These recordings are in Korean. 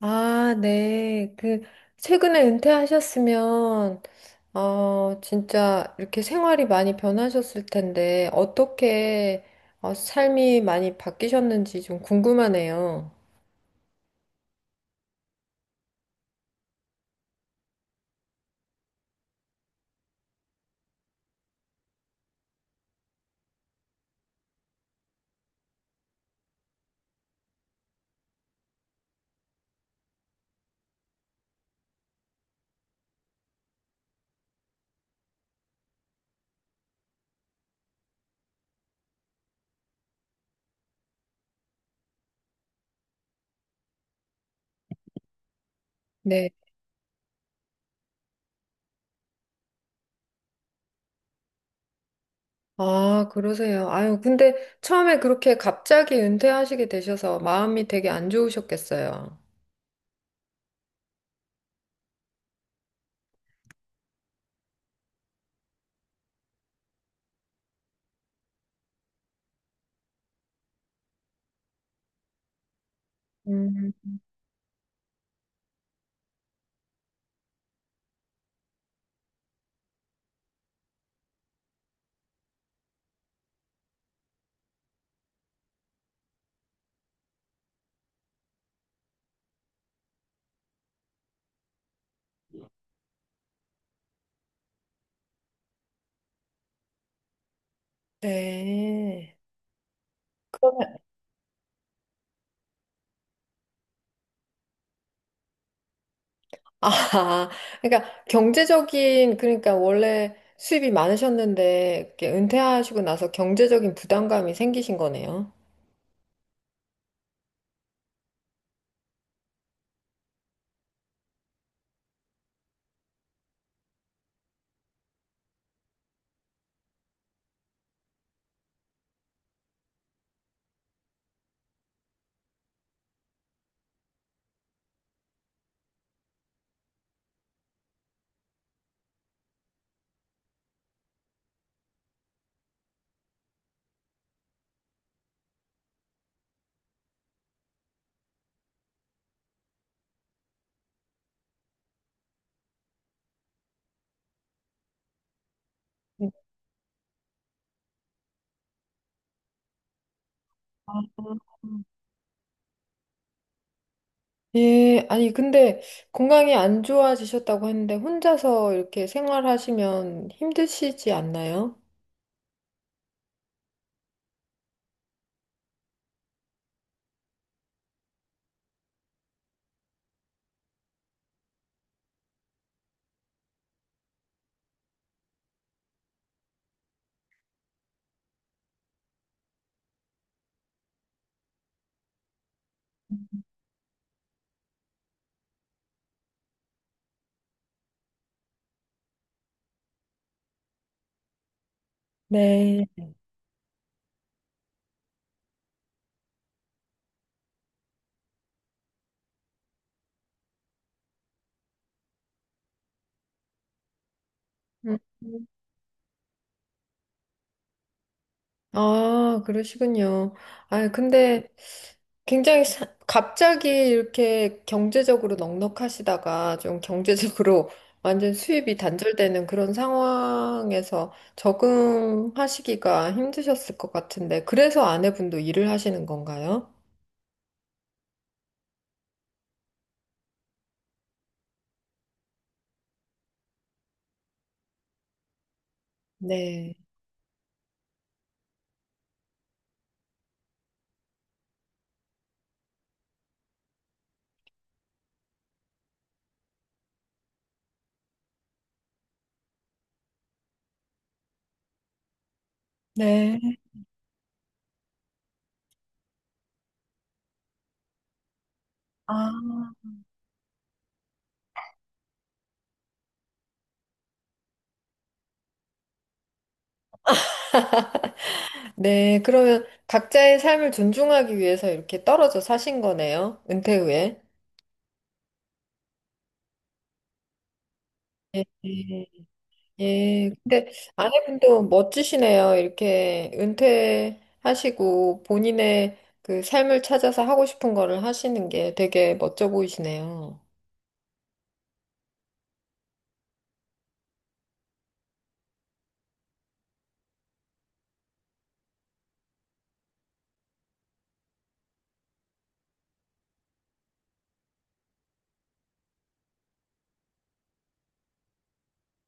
아, 네. 그, 최근에 은퇴하셨으면, 진짜 이렇게 생활이 많이 변하셨을 텐데, 어떻게 삶이 많이 바뀌셨는지 좀 궁금하네요. 네. 아, 그러세요. 아유, 근데 처음에 그렇게 갑자기 은퇴하시게 되셔서 마음이 되게 안 좋으셨겠어요. 음, 네. 아, 그러니까 경제적인, 그러니까 원래 수입이 많으셨는데, 이렇게 은퇴하시고 나서 경제적인 부담감이 생기신 거네요. 아, 예, 아니, 근데 건강이 안 좋아지셨다고 했는데, 혼자서 이렇게 생활하시면 힘드시지 않나요? 네. 음. 아, 그러시군요. 아, 근데 굉장히 갑자기 이렇게 경제적으로 넉넉하시다가 좀 경제적으로 완전 수입이 단절되는 그런 상황에서 적응하시기가 힘드셨을 것 같은데, 그래서 아내분도 일을 하시는 건가요? 네. 네. 아. 네, 그러면 각자의 삶을 존중하기 위해서 이렇게 떨어져 사신 거네요. 은퇴 후에. 네. 예, 근데 아내분도 멋지시네요. 이렇게 은퇴하시고 본인의 그 삶을 찾아서 하고 싶은 거를 하시는 게 되게 멋져 보이시네요.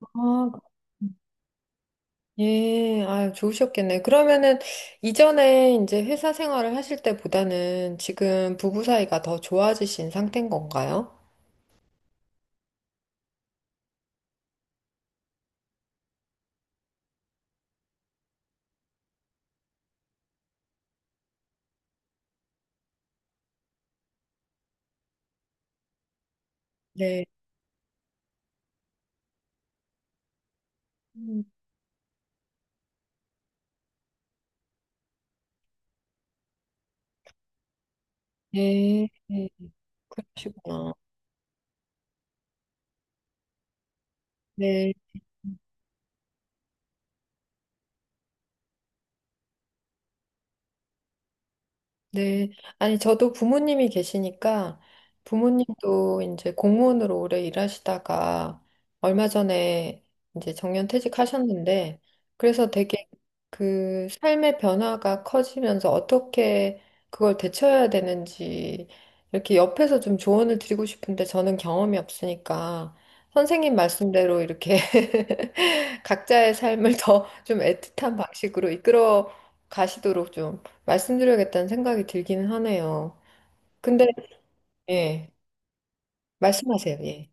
아, 예, 아, 좋으셨겠네. 그러면은 이전에 이제 회사 생활을 하실 때보다는 지금 부부 사이가 더 좋아지신 상태인 건가요? 네. 음, 네, 네, 그러시구나. 네. 네. 아니, 저도 부모님이 계시니까 부모님도 이제 공무원으로 오래 일하시다가 얼마 전에 이제 정년퇴직하셨는데 그래서 되게 그 삶의 변화가 커지면서 어떻게 그걸 대처해야 되는지 이렇게 옆에서 좀 조언을 드리고 싶은데 저는 경험이 없으니까 선생님 말씀대로 이렇게 각자의 삶을 더 좀 애틋한 방식으로 이끌어 가시도록 좀 말씀드려야겠다는 생각이 들기는 하네요. 근데, 예, 말씀하세요, 예.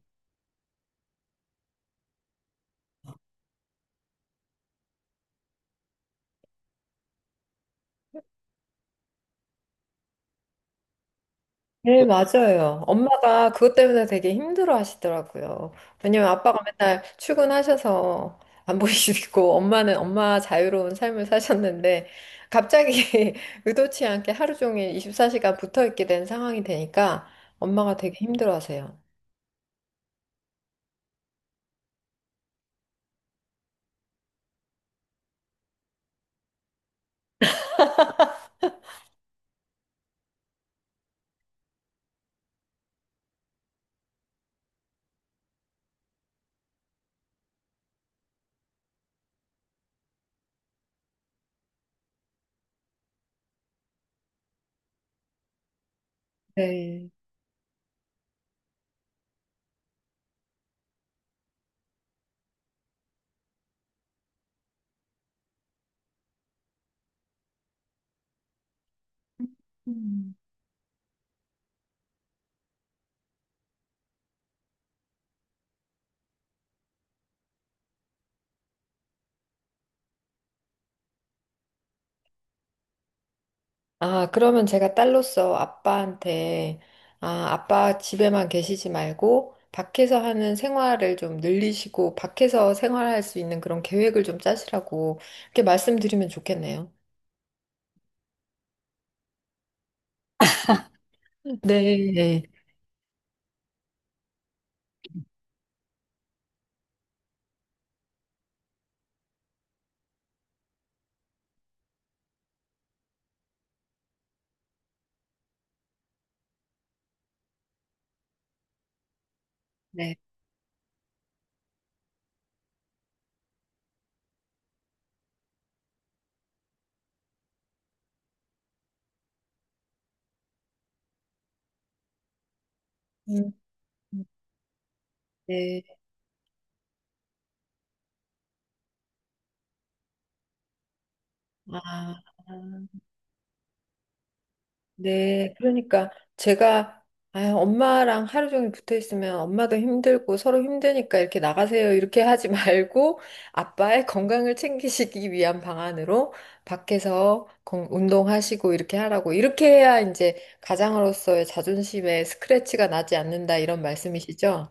네, 맞아요. 엄마가 그것 때문에 되게 힘들어 하시더라고요. 왜냐면 아빠가 맨날 출근하셔서 안 보이시고, 엄마는 엄마 자유로운 삶을 사셨는데, 갑자기 의도치 않게 하루 종일 24시간 붙어 있게 된 상황이 되니까 엄마가 되게 힘들어 하세요. 네. 아, 그러면 제가 딸로서 아빠한테, 아, 아빠 집에만 계시지 말고, 밖에서 하는 생활을 좀 늘리시고, 밖에서 생활할 수 있는 그런 계획을 좀 짜시라고, 이렇게 말씀드리면 좋겠네요. 네, 네. 네. 음, 네. 아. 네, 그러니까 제가 아, 엄마랑 하루 종일 붙어 있으면 엄마도 힘들고 서로 힘드니까 이렇게 나가세요. 이렇게 하지 말고 아빠의 건강을 챙기시기 위한 방안으로 밖에서 운동하시고 이렇게 하라고. 이렇게 해야 이제 가장으로서의 자존심에 스크래치가 나지 않는다 이런 말씀이시죠?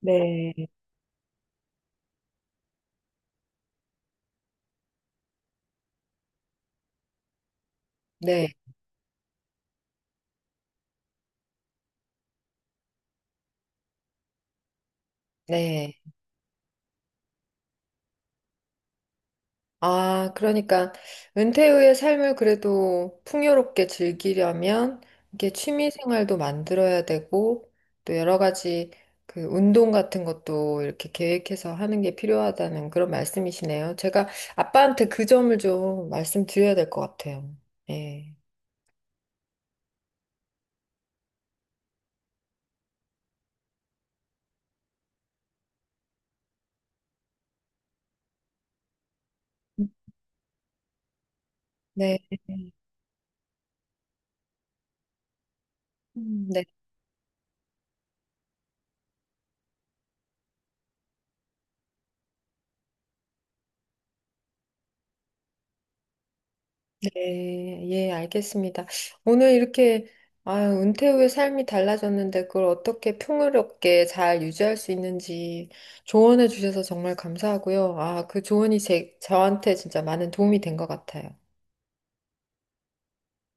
네. 네, 네. 아, 그러니까 은퇴 후의 삶을 그래도 풍요롭게 즐기려면 이게 취미 생활도 만들어야 되고 또 여러 가지 그 운동 같은 것도 이렇게 계획해서 하는 게 필요하다는 그런 말씀이시네요. 제가 아빠한테 그 점을 좀 말씀드려야 될 것 같아요. 예. 네. 네. 네, 예, 알겠습니다. 오늘 이렇게 아, 은퇴 후에 삶이 달라졌는데 그걸 어떻게 풍요롭게 잘 유지할 수 있는지 조언해 주셔서 정말 감사하고요. 아, 그 조언이 제, 저한테 진짜 많은 도움이 된 것 같아요.